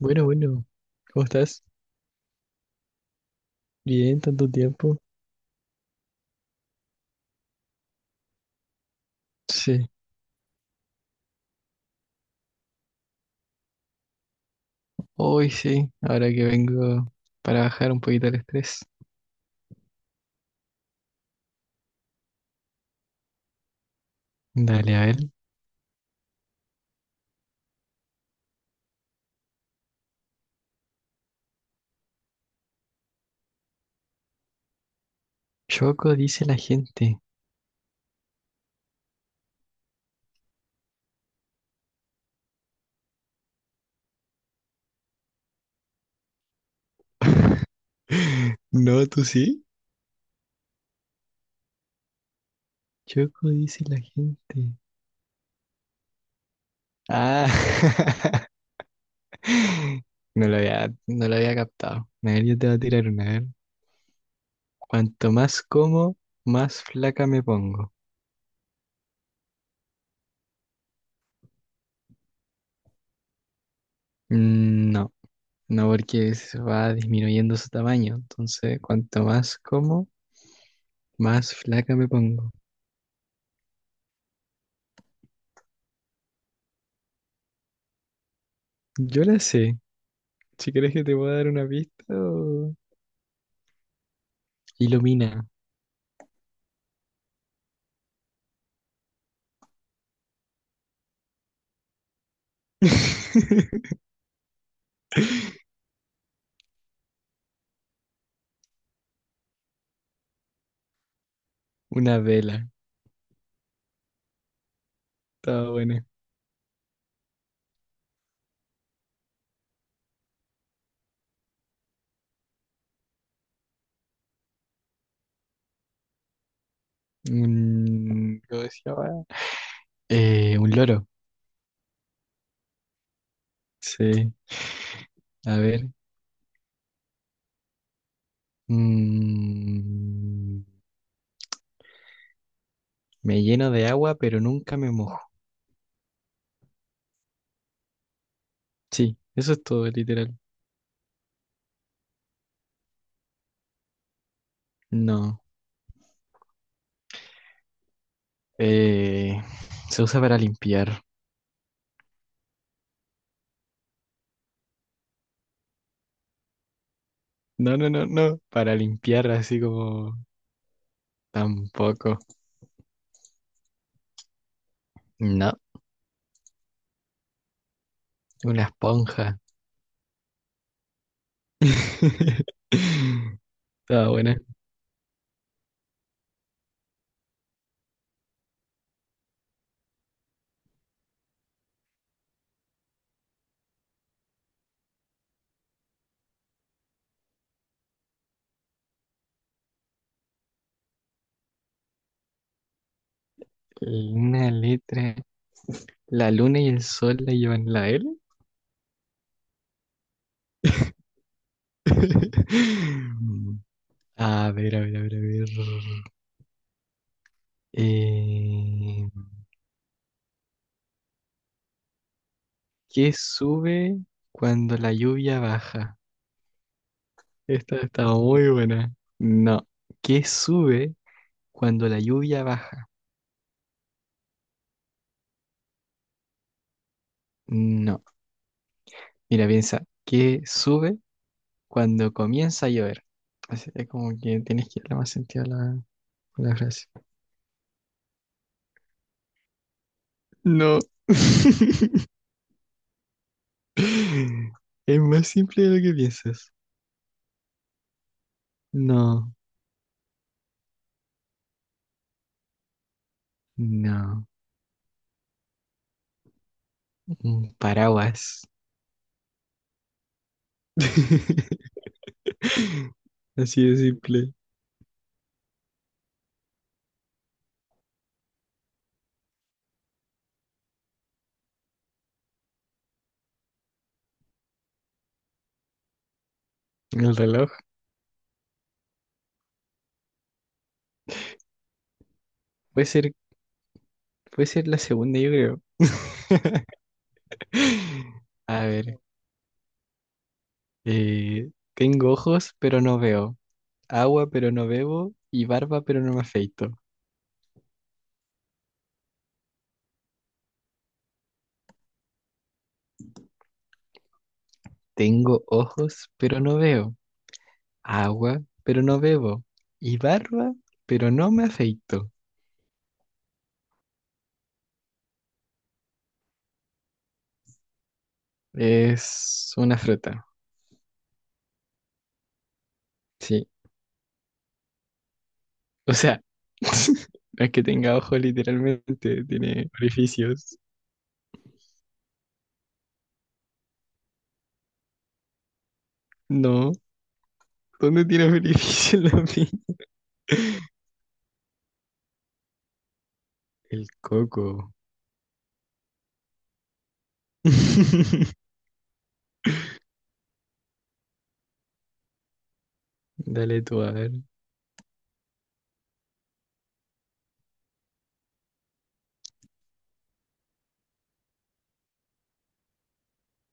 Bueno, bueno, ¿cómo estás? Bien, tanto tiempo. Sí, hoy sí, ahora que vengo para bajar un poquito el estrés. Dale, a ver. Choco dice la gente. No, ¿tú sí? Choco dice la gente. Ah, no lo había, no lo había captado. A ver, yo te voy a tirar una, a ver. Cuanto más como, más flaca me pongo. Mm, no, no porque se va disminuyendo su tamaño. Entonces, cuanto más como, más flaca me pongo. Yo la sé. Si quieres que te pueda dar una pista o- ilumina. Una vela. Estaba buena. ¿Cómo se llama? Un loro. Sí. A ver. Mm, Me lleno de agua, pero nunca me mojo. Sí, eso es todo, literal. No. Eh, Se usa para limpiar. No, no, no, no. Para limpiar así como... Tampoco. No. Una esponja. Estaba buena. Una letra. La luna y el sol la llevan, la L. A ver, a ver, a ver, a ver. Eh, ¿Qué sube cuando la lluvia baja? Esta estaba muy buena. No. ¿Qué sube cuando la lluvia baja? No. Mira, piensa. ¿Qué sube cuando comienza a llover? Así que como que tienes que darle más sentido a la frase. No. Es más simple de lo que piensas. No, no. Un paraguas. Así de simple. El reloj. Puede ser, puede ser la segunda, yo creo. A ver. Tengo ojos, pero no veo. Agua, pero no bebo. Y barba, pero no me afeito. Tengo ojos, pero no veo. Agua, pero no bebo. Y barba, pero no me afeito. Es una fruta, sí. O sea, no es que tenga ojos literalmente, tiene orificios. No, ¿dónde tiene orificios la pi? El coco. Dale tú a ver.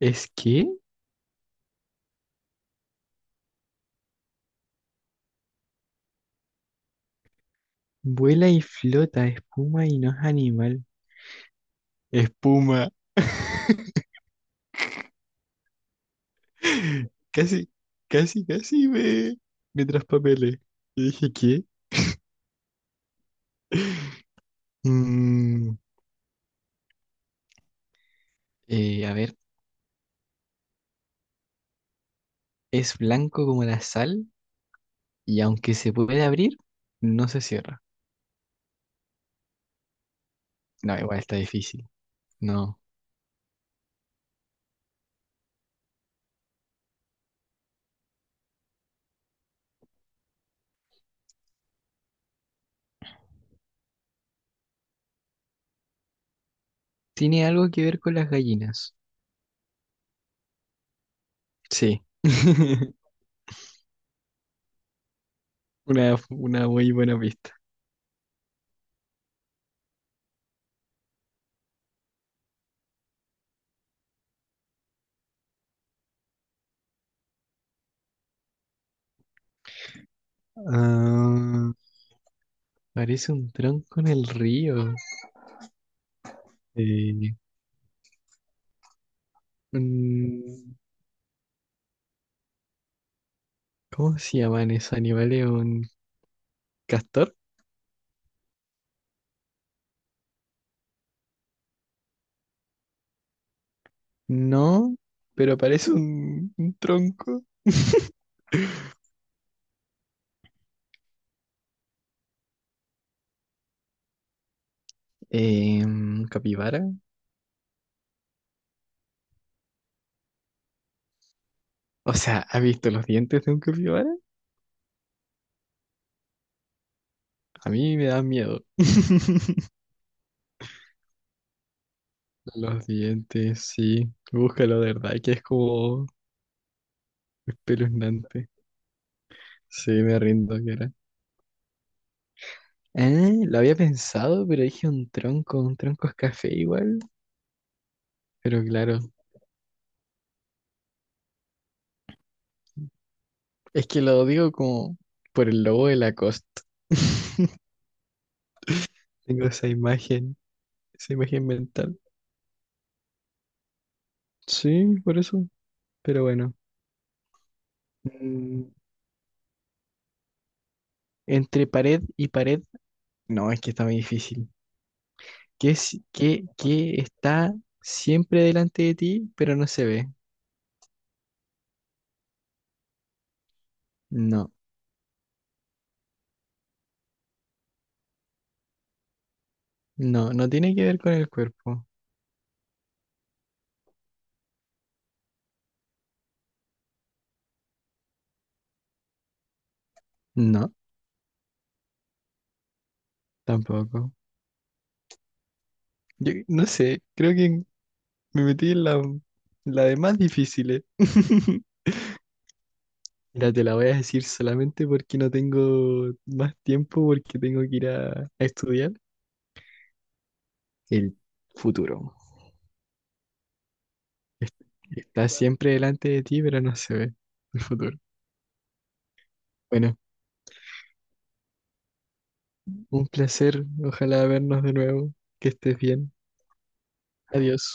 ¿Es que? Vuela y flota, espuma y no es animal. Espuma. Casi, casi, me traspapelé. Y dije, ¿qué? Mm, a ver, es blanco como la sal. Y aunque se puede abrir, no se cierra. No, igual está difícil. No. Tiene algo que ver con las gallinas. Sí. Una muy buena pista. Ah, parece un tronco en el río. Eh, un- ¿Cómo se llaman esos animales? ¿Un castor? No, pero parece un tronco. ¿Un capibara? O sea, ¿has visto los dientes de un capibara? A mí me da miedo. Los dientes, sí. Búscalo, de verdad, que es como espeluznante. Sí, me rindo, que era. Ah, lo había pensado, pero dije un tronco. Un tronco es café igual. Pero claro, es que lo digo como por el logo de Lacoste. Tengo esa imagen mental. Sí, por eso. Pero bueno. Mm, entre pared y pared. No, es que está muy difícil. ¿Qué está siempre delante de ti, pero no se ve? No. No, no tiene que ver con el cuerpo. No, tampoco. Yo no sé, creo que me metí en la de más difíciles. Mira, te la voy a decir solamente porque no tengo más tiempo, porque tengo que ir a estudiar. El futuro. Es- Está siempre delante de ti, pero no se ve el futuro. Bueno, un placer. Ojalá vernos de nuevo. Que estés bien. Adiós.